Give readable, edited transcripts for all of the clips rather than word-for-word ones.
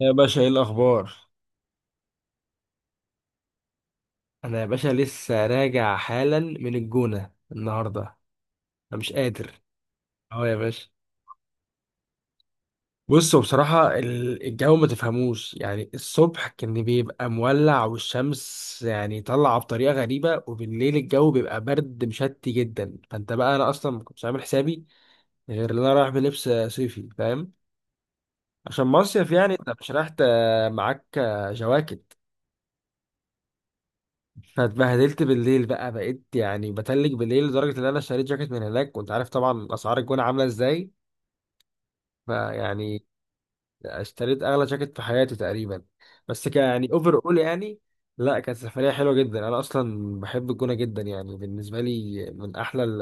يا باشا، ايه الاخبار؟ انا يا باشا لسه راجع حالا من الجونة النهاردة. انا مش قادر. اهو يا باشا. بصوا بصراحة الجو ما تفهموش، يعني الصبح كان بيبقى مولع والشمس يعني طالعة بطريقة غريبة، وبالليل الجو بيبقى برد مشتي جدا. فانت بقى انا اصلا ما كنتش عامل حسابي غير ان انا رايح بلبس صيفي، فاهم؟ عشان مصيف، يعني انت مش رايح معاك جواكت. فاتبهدلت بالليل بقى، بقيت يعني بتلج بالليل لدرجة إن أنا اشتريت جاكيت من هناك، وأنت عارف طبعا أسعار الجونة عاملة إزاي. فيعني اشتريت أغلى جاكيت في حياتي تقريبا، بس يعني أوفر أول يعني. لا، كانت سفرية حلوة جدا، أنا أصلا بحب الجونة جدا، يعني بالنسبة لي من أحلى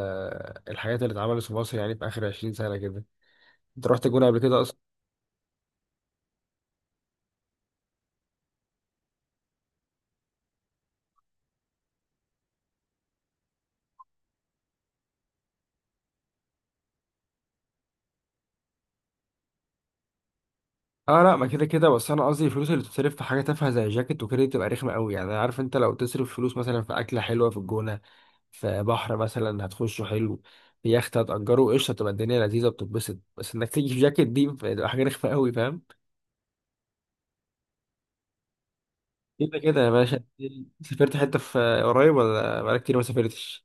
الحاجات اللي اتعملت في مصر يعني في آخر 20 سنة كده. أنت رحت الجونة قبل كده أصلا؟ اه لا، ما كده كده، بس انا قصدي الفلوس اللي بتصرف في حاجه تافهه زي جاكيت وكده دي بتبقى رخمه قوي. يعني عارف انت لو تصرف فلوس مثلا في اكله حلوه في الجونه، في بحر مثلا هتخشه حلو، في يخت هتأجره قشطة، تبقى الدنيا لذيذة بتتبسط. بس انك تيجي في جاكيت دي بتبقى حاجة رخمة قوي، فاهم؟ كده كده يا باشا. سافرت حتة في قريب ولا بقالك كتير ما سافرتش؟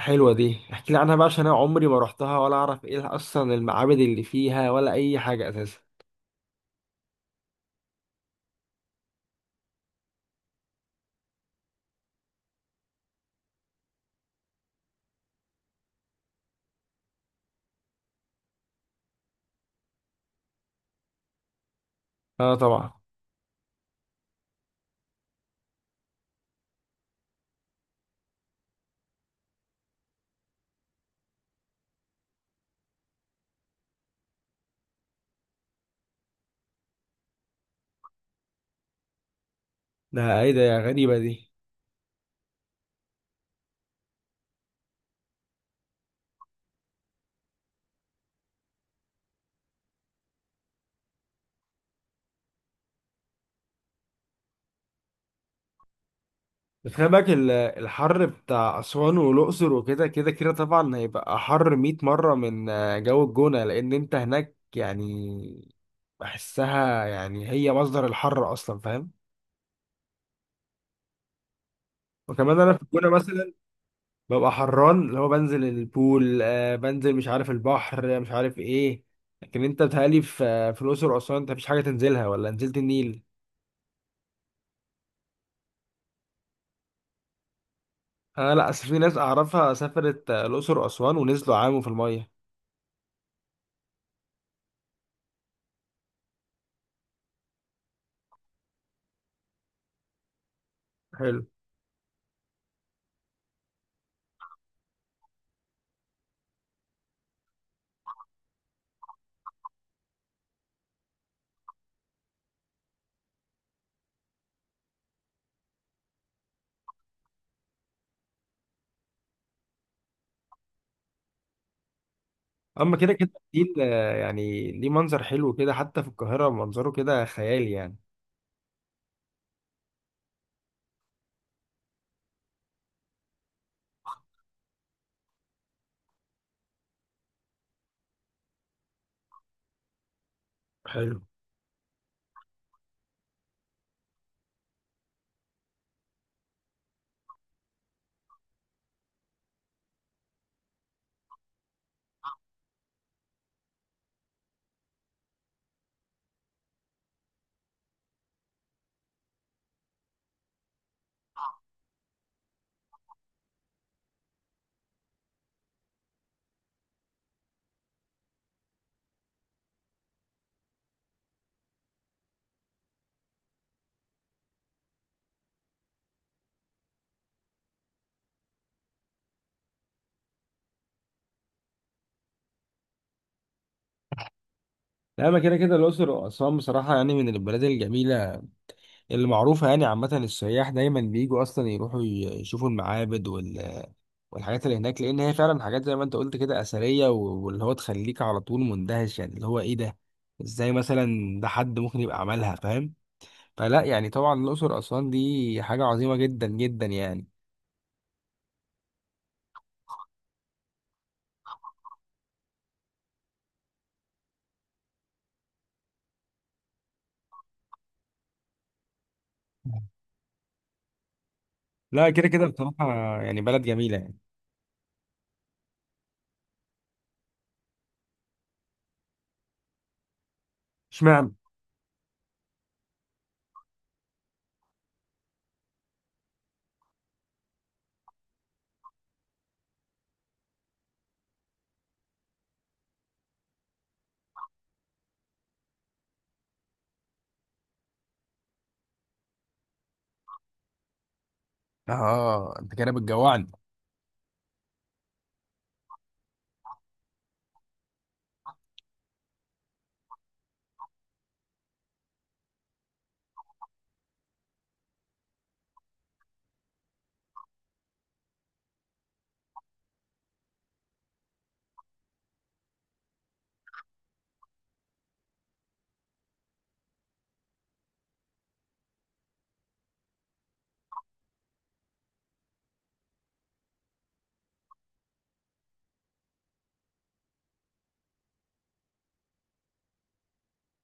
حلوة دي، احكي لي عنها بقى عشان انا عمري ما رحتها ولا اعرف ايه اصلا المعابد اللي فيها ولا اي حاجة اساسا. اه طبعا. ده ايه ده، يا غريبة دي. بس خلي بالك الحر بتاع أسوان والأقصر وكده كده كده طبعا هيبقى حر 100 مرة من جو الجونة، لأن أنت هناك يعني بحسها، يعني هي مصدر الحر أصلا، فاهم؟ وكمان أنا في الجونة مثلا ببقى حران، اللي هو بنزل البول، آه بنزل، مش عارف، البحر، مش عارف إيه. لكن أنت بتهيألي في في الأقصر وأسوان أنت مفيش حاجة تنزلها، ولا نزلت النيل. أنا لأ، أصل في ناس أعرفها سافرت الأقصر وأسوان ونزلوا عاموا في المية. حلو. اما كده كده النيل يعني ليه منظر حلو كده، حتى في القاهرة منظره كده خيالي يعني. حلو. لا، اما كده كده الاقصر واسوان بصراحة يعني من البلاد الجميلة اللي معروفة، يعني عامة السياح دايما بيجوا اصلا يروحوا يشوفوا المعابد والحاجات اللي هناك، لان هي فعلا حاجات زي ما انت قلت كده اثرية واللي هو تخليك على طول مندهش، يعني اللي هو ايه ده، ازاي مثلا ده حد ممكن يبقى عملها، فاهم؟ فلا يعني طبعا الاقصر واسوان دي حاجة عظيمة جدا جدا يعني. لا كده كده بصراحة، يعني بلد جميلة يعني. اشمعنى؟ اه انت كده بتجوعني.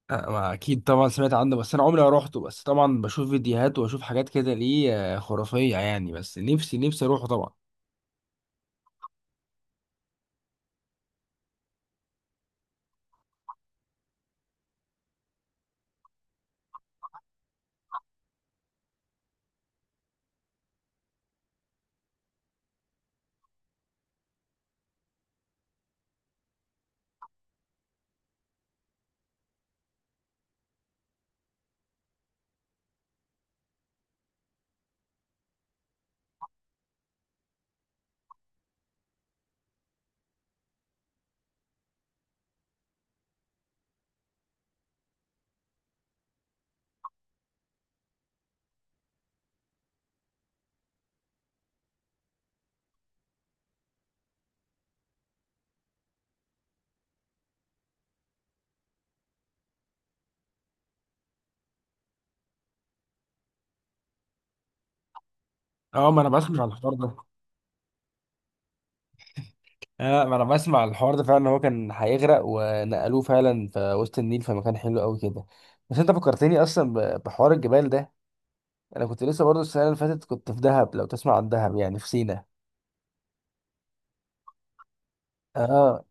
ما اكيد طبعا سمعت عنه، بس انا عمري ما روحته، بس طبعا بشوف فيديوهات واشوف حاجات كده ليه خرافيه يعني، بس نفسي نفسي اروحه طبعا. اه ما انا بسمع عن الحوار ده. اه ما انا بسمع عن الحوار ده فعلا إن هو كان هيغرق ونقلوه فعلا في وسط النيل في مكان حلو قوي كده. بس انت فكرتني اصلا بحوار الجبال ده. انا كنت لسه برضو السنه اللي فاتت كنت في دهب، لو تسمع عن دهب يعني في سينا. اه.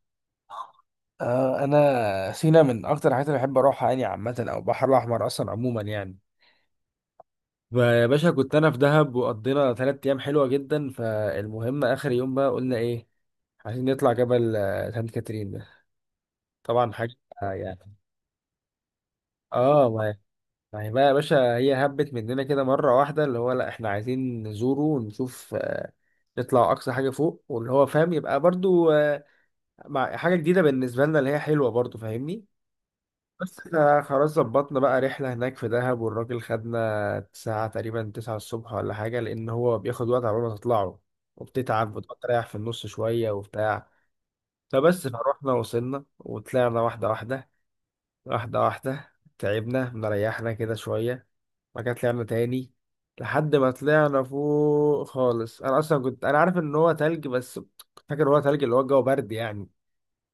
اه انا سينا من اكتر الحاجات اللي بحب اروحها يعني عامه، او البحر الاحمر اصلا عموما يعني. يا باشا، كنت انا في دهب وقضينا 3 ايام حلوه جدا، فالمهم اخر يوم بقى قلنا ايه، عايزين نطلع جبل سانت كاترين ده. طبعا حاجه. يعني اه ما ما هي بقى يا باشا، هي هبت مننا كده مره واحده، اللي هو لا احنا عايزين نزوره ونشوف، نطلع اقصى حاجه فوق واللي هو فاهم، يبقى برضو، مع حاجه جديده بالنسبه لنا اللي هي حلوه برضو، فاهمني؟ بس احنا خلاص ظبطنا بقى رحلة هناك في دهب، والراجل خدنا ساعة تقريبا 9 الصبح ولا حاجة، لأن هو بياخد وقت على ما تطلعوا وبتتعب وتقعد تريح في النص شوية وبتاع. فبس فروحنا وصلنا وطلعنا واحدة واحدة، واحدة واحدة، تعبنا مريحنا كده شوية، بعد كده طلعنا تاني، لحد ما طلعنا فوق خالص. أنا أصلا كنت أنا عارف إن هو تلج، بس فاكر هو تلج اللي هو الجو برد يعني،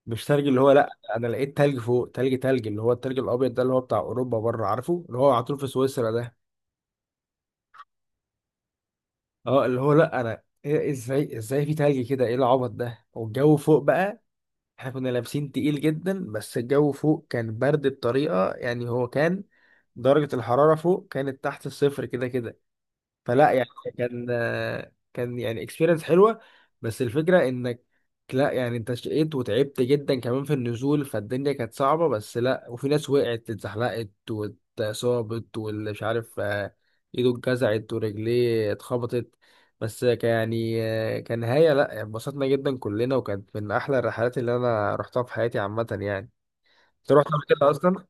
مش تلج اللي هو لا، انا لقيت تلج فوق، تلج، اللي هو التلج الابيض ده اللي هو بتاع اوروبا بره، عارفه اللي هو على طول في سويسرا ده. اه اللي هو لا انا إيه، ازاي في تلج كده، ايه العبط ده، والجو فوق بقى احنا كنا لابسين تقيل جدا، بس الجو فوق كان برد بطريقة، يعني هو كان درجة الحرارة فوق كانت تحت الصفر كده كده. فلا يعني، كان كان يعني اكسبيرينس حلوه، بس الفكره انك، لا يعني انت شقيت وتعبت جدا كمان في النزول، فالدنيا كانت صعبه، بس لا وفي ناس وقعت اتزحلقت واتصابت واللي مش عارف، ايده اتجزعت ورجليه اتخبطت، بس كان يعني كنهايه لا انبسطنا جدا كلنا، وكانت من احلى الرحلات اللي انا رحتها في حياتي عامه يعني. انت رحت قبل كده اصلا؟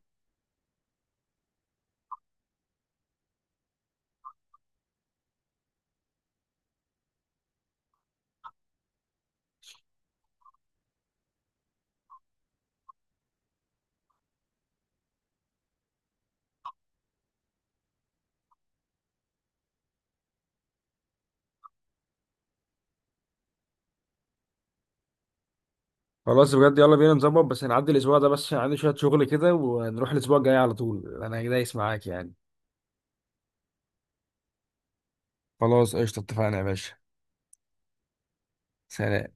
خلاص بجد، يلا بينا نظبط، بس هنعدي الاسبوع ده بس عشان عندي شويه شغل كده، ونروح الاسبوع الجاي على طول، انا دايس معاك يعني. خلاص قشطة، اتفقنا يا باشا. سلام.